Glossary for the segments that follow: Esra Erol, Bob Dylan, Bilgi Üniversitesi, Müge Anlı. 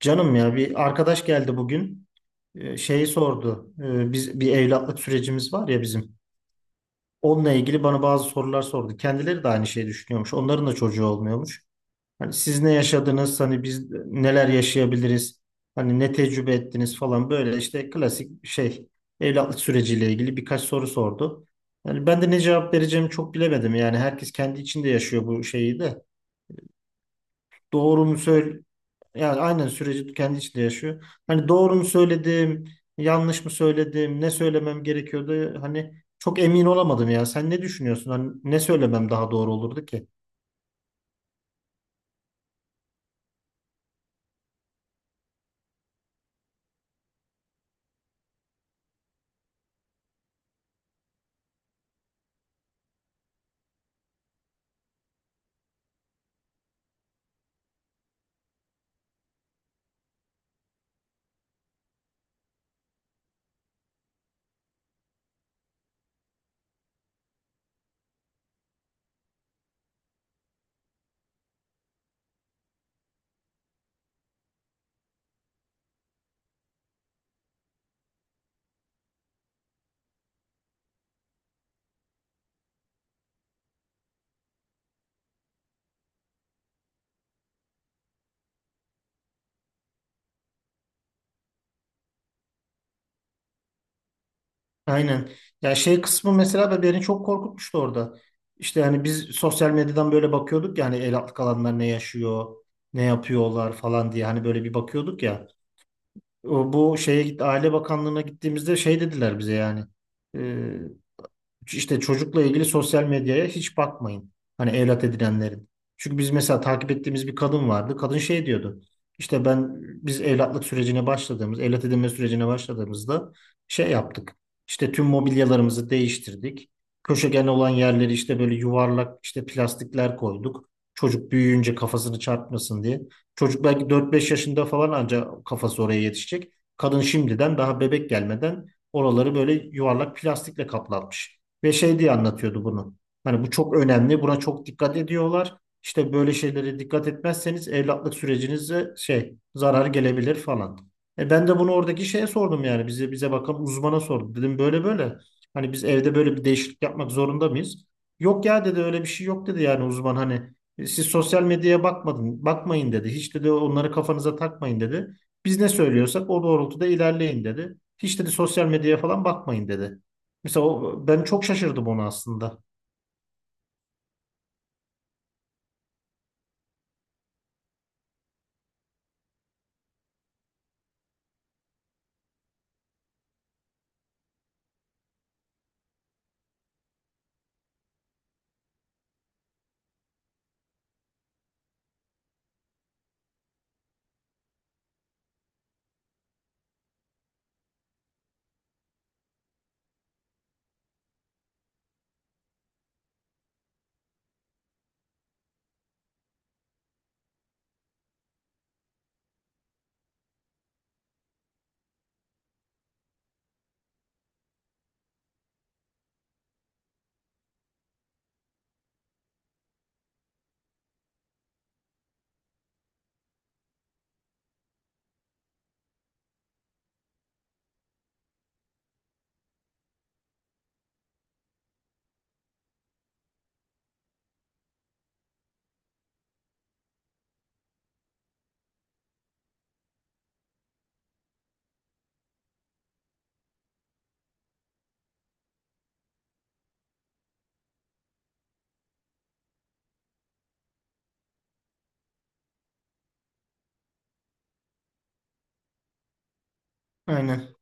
Canım ya bir arkadaş geldi bugün. Şeyi sordu. Biz bir evlatlık sürecimiz var ya bizim. Onunla ilgili bana bazı sorular sordu. Kendileri de aynı şeyi düşünüyormuş. Onların da çocuğu olmuyormuş. Hani siz ne yaşadınız? Hani biz neler yaşayabiliriz? Hani ne tecrübe ettiniz falan böyle işte klasik şey evlatlık süreciyle ilgili birkaç soru sordu. Yani ben de ne cevap vereceğimi çok bilemedim. Yani herkes kendi içinde yaşıyor bu şeyi de doğru mu söyle, yani aynen süreci kendi içinde yaşıyor. Hani doğru mu söyledim, yanlış mı söyledim, ne söylemem gerekiyordu? Hani çok emin olamadım ya. Sen ne düşünüyorsun? Hani ne söylemem daha doğru olurdu ki? Aynen. Ya şey kısmı mesela da beni çok korkutmuştu orada. İşte hani biz sosyal medyadan böyle bakıyorduk, yani el altı kalanlar ne yaşıyor, ne yapıyorlar falan diye hani böyle bir bakıyorduk ya. Bu şeye gitti, Aile Bakanlığı'na gittiğimizde şey dediler bize yani. İşte çocukla ilgili sosyal medyaya hiç bakmayın. Hani evlat edinenlerin. Çünkü biz mesela takip ettiğimiz bir kadın vardı. Kadın şey diyordu. İşte biz evlatlık sürecine başladığımız, evlat edinme sürecine başladığımızda şey yaptık. İşte tüm mobilyalarımızı değiştirdik. Köşegen olan yerleri işte böyle yuvarlak işte plastikler koyduk. Çocuk büyüyünce kafasını çarpmasın diye. Çocuk belki dört beş yaşında falan ancak kafası oraya yetişecek. Kadın şimdiden daha bebek gelmeden oraları böyle yuvarlak plastikle kaplatmış. Ve şey diye anlatıyordu bunu. Hani bu çok önemli, buna çok dikkat ediyorlar. İşte böyle şeylere dikkat etmezseniz evlatlık sürecinize şey zarar gelebilir falan. E ben de bunu oradaki şeye sordum, yani bize bakan uzmana sordum. Dedim böyle böyle. Hani biz evde böyle bir değişiklik yapmak zorunda mıyız? Yok ya dedi, öyle bir şey yok dedi yani uzman. Hani "Siz sosyal medyaya bakmadın, bakmayın dedi. Hiç dedi onları kafanıza takmayın dedi. Biz ne söylüyorsak o doğrultuda ilerleyin dedi. Hiç dedi sosyal medyaya falan bakmayın dedi. Mesela ben çok şaşırdım ona aslında. Aynen.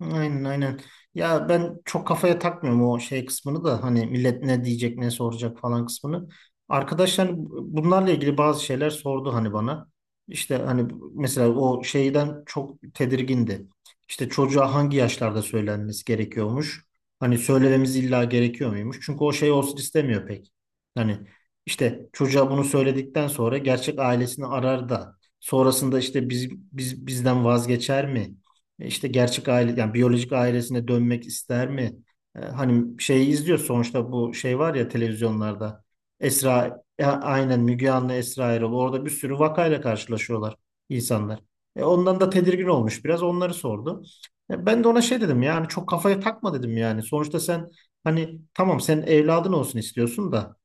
Aynen, aynen. Ya ben çok kafaya takmıyorum o şey kısmını da, hani millet ne diyecek ne soracak falan kısmını. Arkadaşlar bunlarla ilgili bazı şeyler sordu hani bana. İşte hani mesela o şeyden çok tedirgindi. İşte çocuğa hangi yaşlarda söylenmesi gerekiyormuş? Hani söylememiz illa gerekiyor muymuş? Çünkü o şey olsun istemiyor pek. Hani işte çocuğa bunu söyledikten sonra gerçek ailesini arar da sonrasında işte biz bizden vazgeçer mi? İşte gerçek aile, yani biyolojik ailesine dönmek ister mi? Hani şeyi izliyoruz sonuçta, bu şey var ya televizyonlarda. Esra, aynen, Müge Anlı, Esra Erol. Orada bir sürü vakayla karşılaşıyorlar insanlar. Ondan da tedirgin olmuş, biraz onları sordu. Ben de ona şey dedim, yani çok kafaya takma dedim yani. Sonuçta sen hani tamam sen evladın olsun istiyorsun da.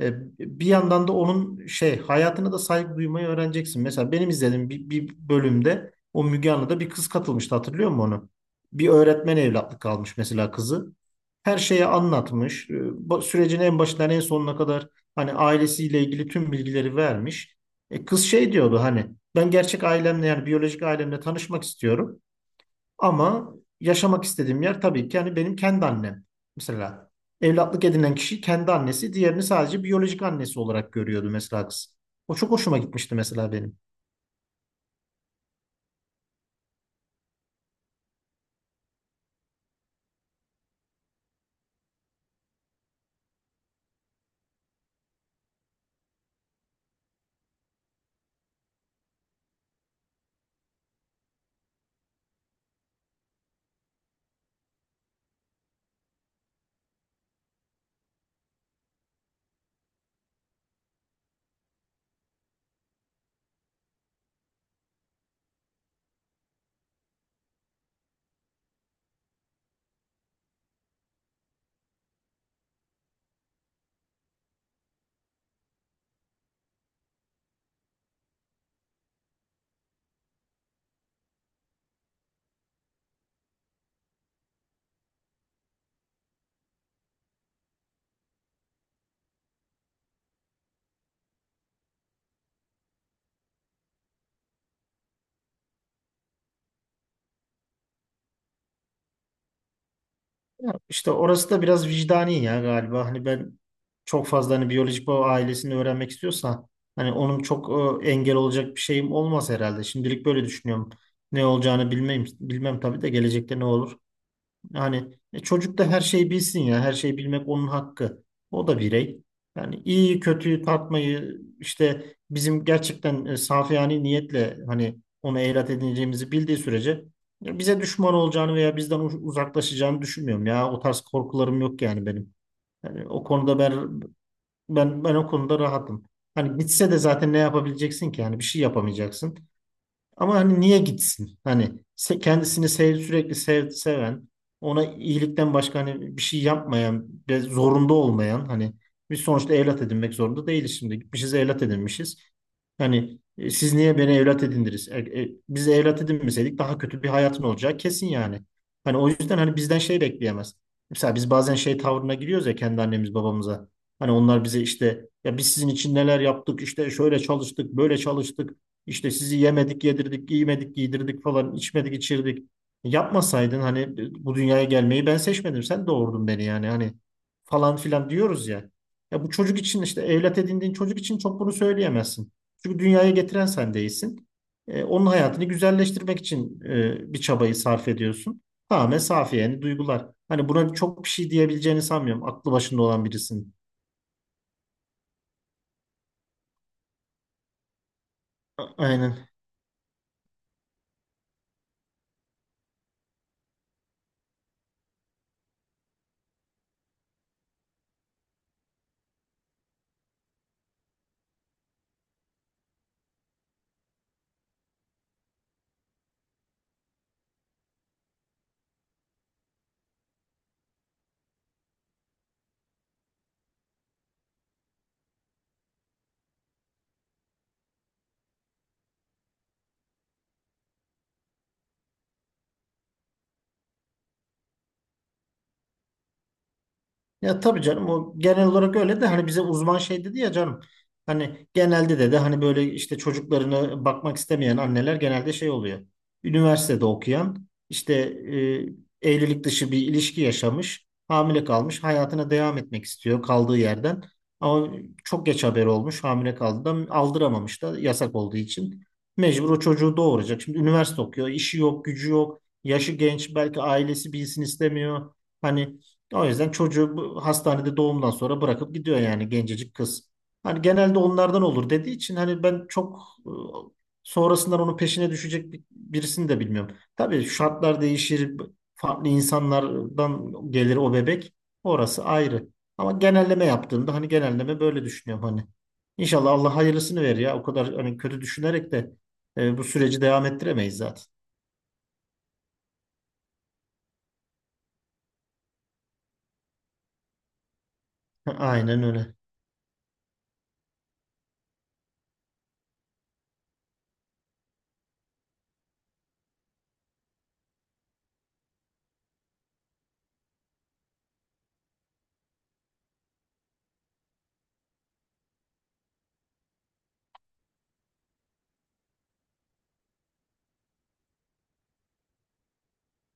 E, Bir yandan da onun şey hayatına da saygı duymayı öğreneceksin. Mesela benim izlediğim bir bölümde o Müge Anlı'da bir kız katılmıştı, hatırlıyor musun onu? Bir öğretmen evlatlık almış mesela kızı. Her şeyi anlatmış. Bu sürecin en başından en sonuna kadar hani ailesiyle ilgili tüm bilgileri vermiş. Kız şey diyordu, hani ben gerçek ailemle, yani biyolojik ailemle tanışmak istiyorum. Ama yaşamak istediğim yer tabii ki yani benim kendi annem. Mesela evlatlık edinen kişi kendi annesi, diğerini sadece biyolojik annesi olarak görüyordu mesela kız. O çok hoşuma gitmişti mesela benim. Ya işte orası da biraz vicdani ya galiba. Hani ben çok fazla hani biyolojik baba ailesini öğrenmek istiyorsa hani onun çok engel olacak bir şeyim olmaz herhalde. Şimdilik böyle düşünüyorum. Ne olacağını bilmem, bilmem tabii de gelecekte ne olur. Yani çocuk da her şeyi bilsin ya. Her şeyi bilmek onun hakkı. O da birey. Yani iyiyi kötüyü tartmayı işte bizim gerçekten safiyane niyetle hani onu evlat edineceğimizi bildiği sürece ya bize düşman olacağını veya bizden uzaklaşacağını düşünmüyorum ya. O tarz korkularım yok yani benim. Yani o konuda ben ben o konuda rahatım. Hani gitse de zaten ne yapabileceksin ki? Yani bir şey yapamayacaksın. Ama hani niye gitsin? Hani kendisini sev, sürekli sev, seven, ona iyilikten başka hani bir şey yapmayan, ve zorunda olmayan, hani biz sonuçta evlat edinmek zorunda değiliz şimdi. Gitmişiz, evlat edinmişiz. Hani siz niye beni evlat edindiniz? Biz evlat edinmeseydik daha kötü bir hayatın olacağı kesin yani. Hani o yüzden hani bizden şey bekleyemez. Mesela biz bazen şey tavrına giriyoruz ya kendi annemiz babamıza. Hani onlar bize işte ya biz sizin için neler yaptık, işte şöyle çalıştık, böyle çalıştık, işte sizi yemedik, yedirdik, giymedik, giydirdik falan, içmedik, içirdik. Yapmasaydın hani, bu dünyaya gelmeyi ben seçmedim. Sen doğurdun beni yani hani falan filan diyoruz ya. Ya bu çocuk için, işte evlat edindiğin çocuk için çok bunu söyleyemezsin. Çünkü dünyaya getiren sen değilsin. Onun hayatını güzelleştirmek için bir çabayı sarf ediyorsun. Tamamen safi yani duygular. Hani buna çok bir şey diyebileceğini sanmıyorum. Aklı başında olan birisin. Aynen. Ya tabii canım, o genel olarak öyle de hani bize uzman şey dedi ya canım. Hani genelde de hani böyle işte çocuklarını bakmak istemeyen anneler genelde şey oluyor. Üniversitede okuyan işte evlilik dışı bir ilişki yaşamış, hamile kalmış, hayatına devam etmek istiyor kaldığı yerden. Ama çok geç haber olmuş, hamile kaldı da aldıramamış da yasak olduğu için mecbur o çocuğu doğuracak. Şimdi üniversite okuyor, işi yok, gücü yok, yaşı genç, belki ailesi bilsin istemiyor. Hani o yüzden çocuğu hastanede doğumdan sonra bırakıp gidiyor yani gencecik kız. Hani genelde onlardan olur dediği için hani ben çok e, sonrasından onun peşine düşecek birisini de bilmiyorum. Tabii şartlar değişir, farklı insanlardan gelir o bebek. Orası ayrı. Ama genelleme yaptığımda hani genelleme böyle düşünüyorum hani. İnşallah Allah hayırlısını verir ya. O kadar hani kötü düşünerek de bu süreci devam ettiremeyiz zaten. Aynen öyle.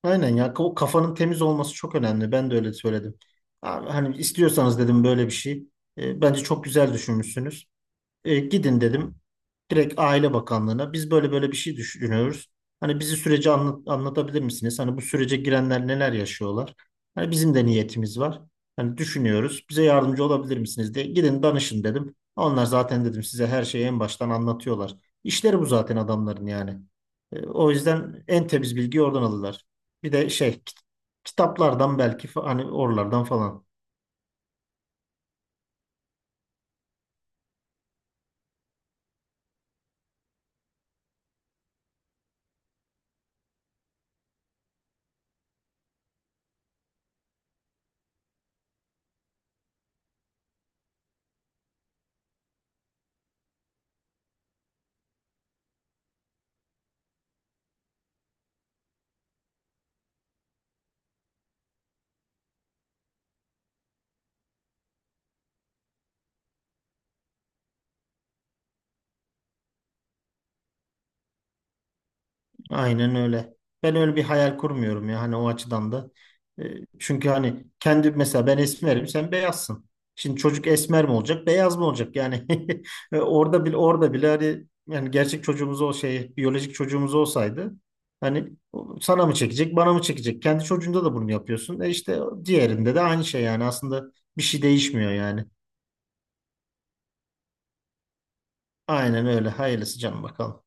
Aynen ya, o kafanın temiz olması çok önemli. Ben de öyle söyledim. Abi, hani istiyorsanız dedim böyle bir şey. Bence çok güzel düşünmüşsünüz. Gidin dedim. Direkt Aile Bakanlığı'na, biz böyle böyle bir şey düşünüyoruz. Hani bizi süreci anlatabilir misiniz? Hani bu sürece girenler neler yaşıyorlar? Hani bizim de niyetimiz var. Hani düşünüyoruz. Bize yardımcı olabilir misiniz diye gidin danışın dedim. Onlar zaten dedim size her şeyi en baştan anlatıyorlar. İşleri bu zaten adamların yani. O yüzden en temiz bilgiyi oradan alırlar. Bir de şey kitaplardan belki hani oralardan falan. Aynen öyle. Ben öyle bir hayal kurmuyorum ya hani o açıdan da. E, Çünkü hani kendi, mesela ben esmerim sen beyazsın. Şimdi çocuk esmer mi olacak beyaz mı olacak yani orada bile orada bile, hani yani gerçek çocuğumuz o şey biyolojik çocuğumuz olsaydı hani o sana mı çekecek bana mı çekecek, kendi çocuğunda da bunu yapıyorsun, e işte diğerinde de aynı şey yani aslında bir şey değişmiyor yani, aynen öyle, hayırlısı canım bakalım.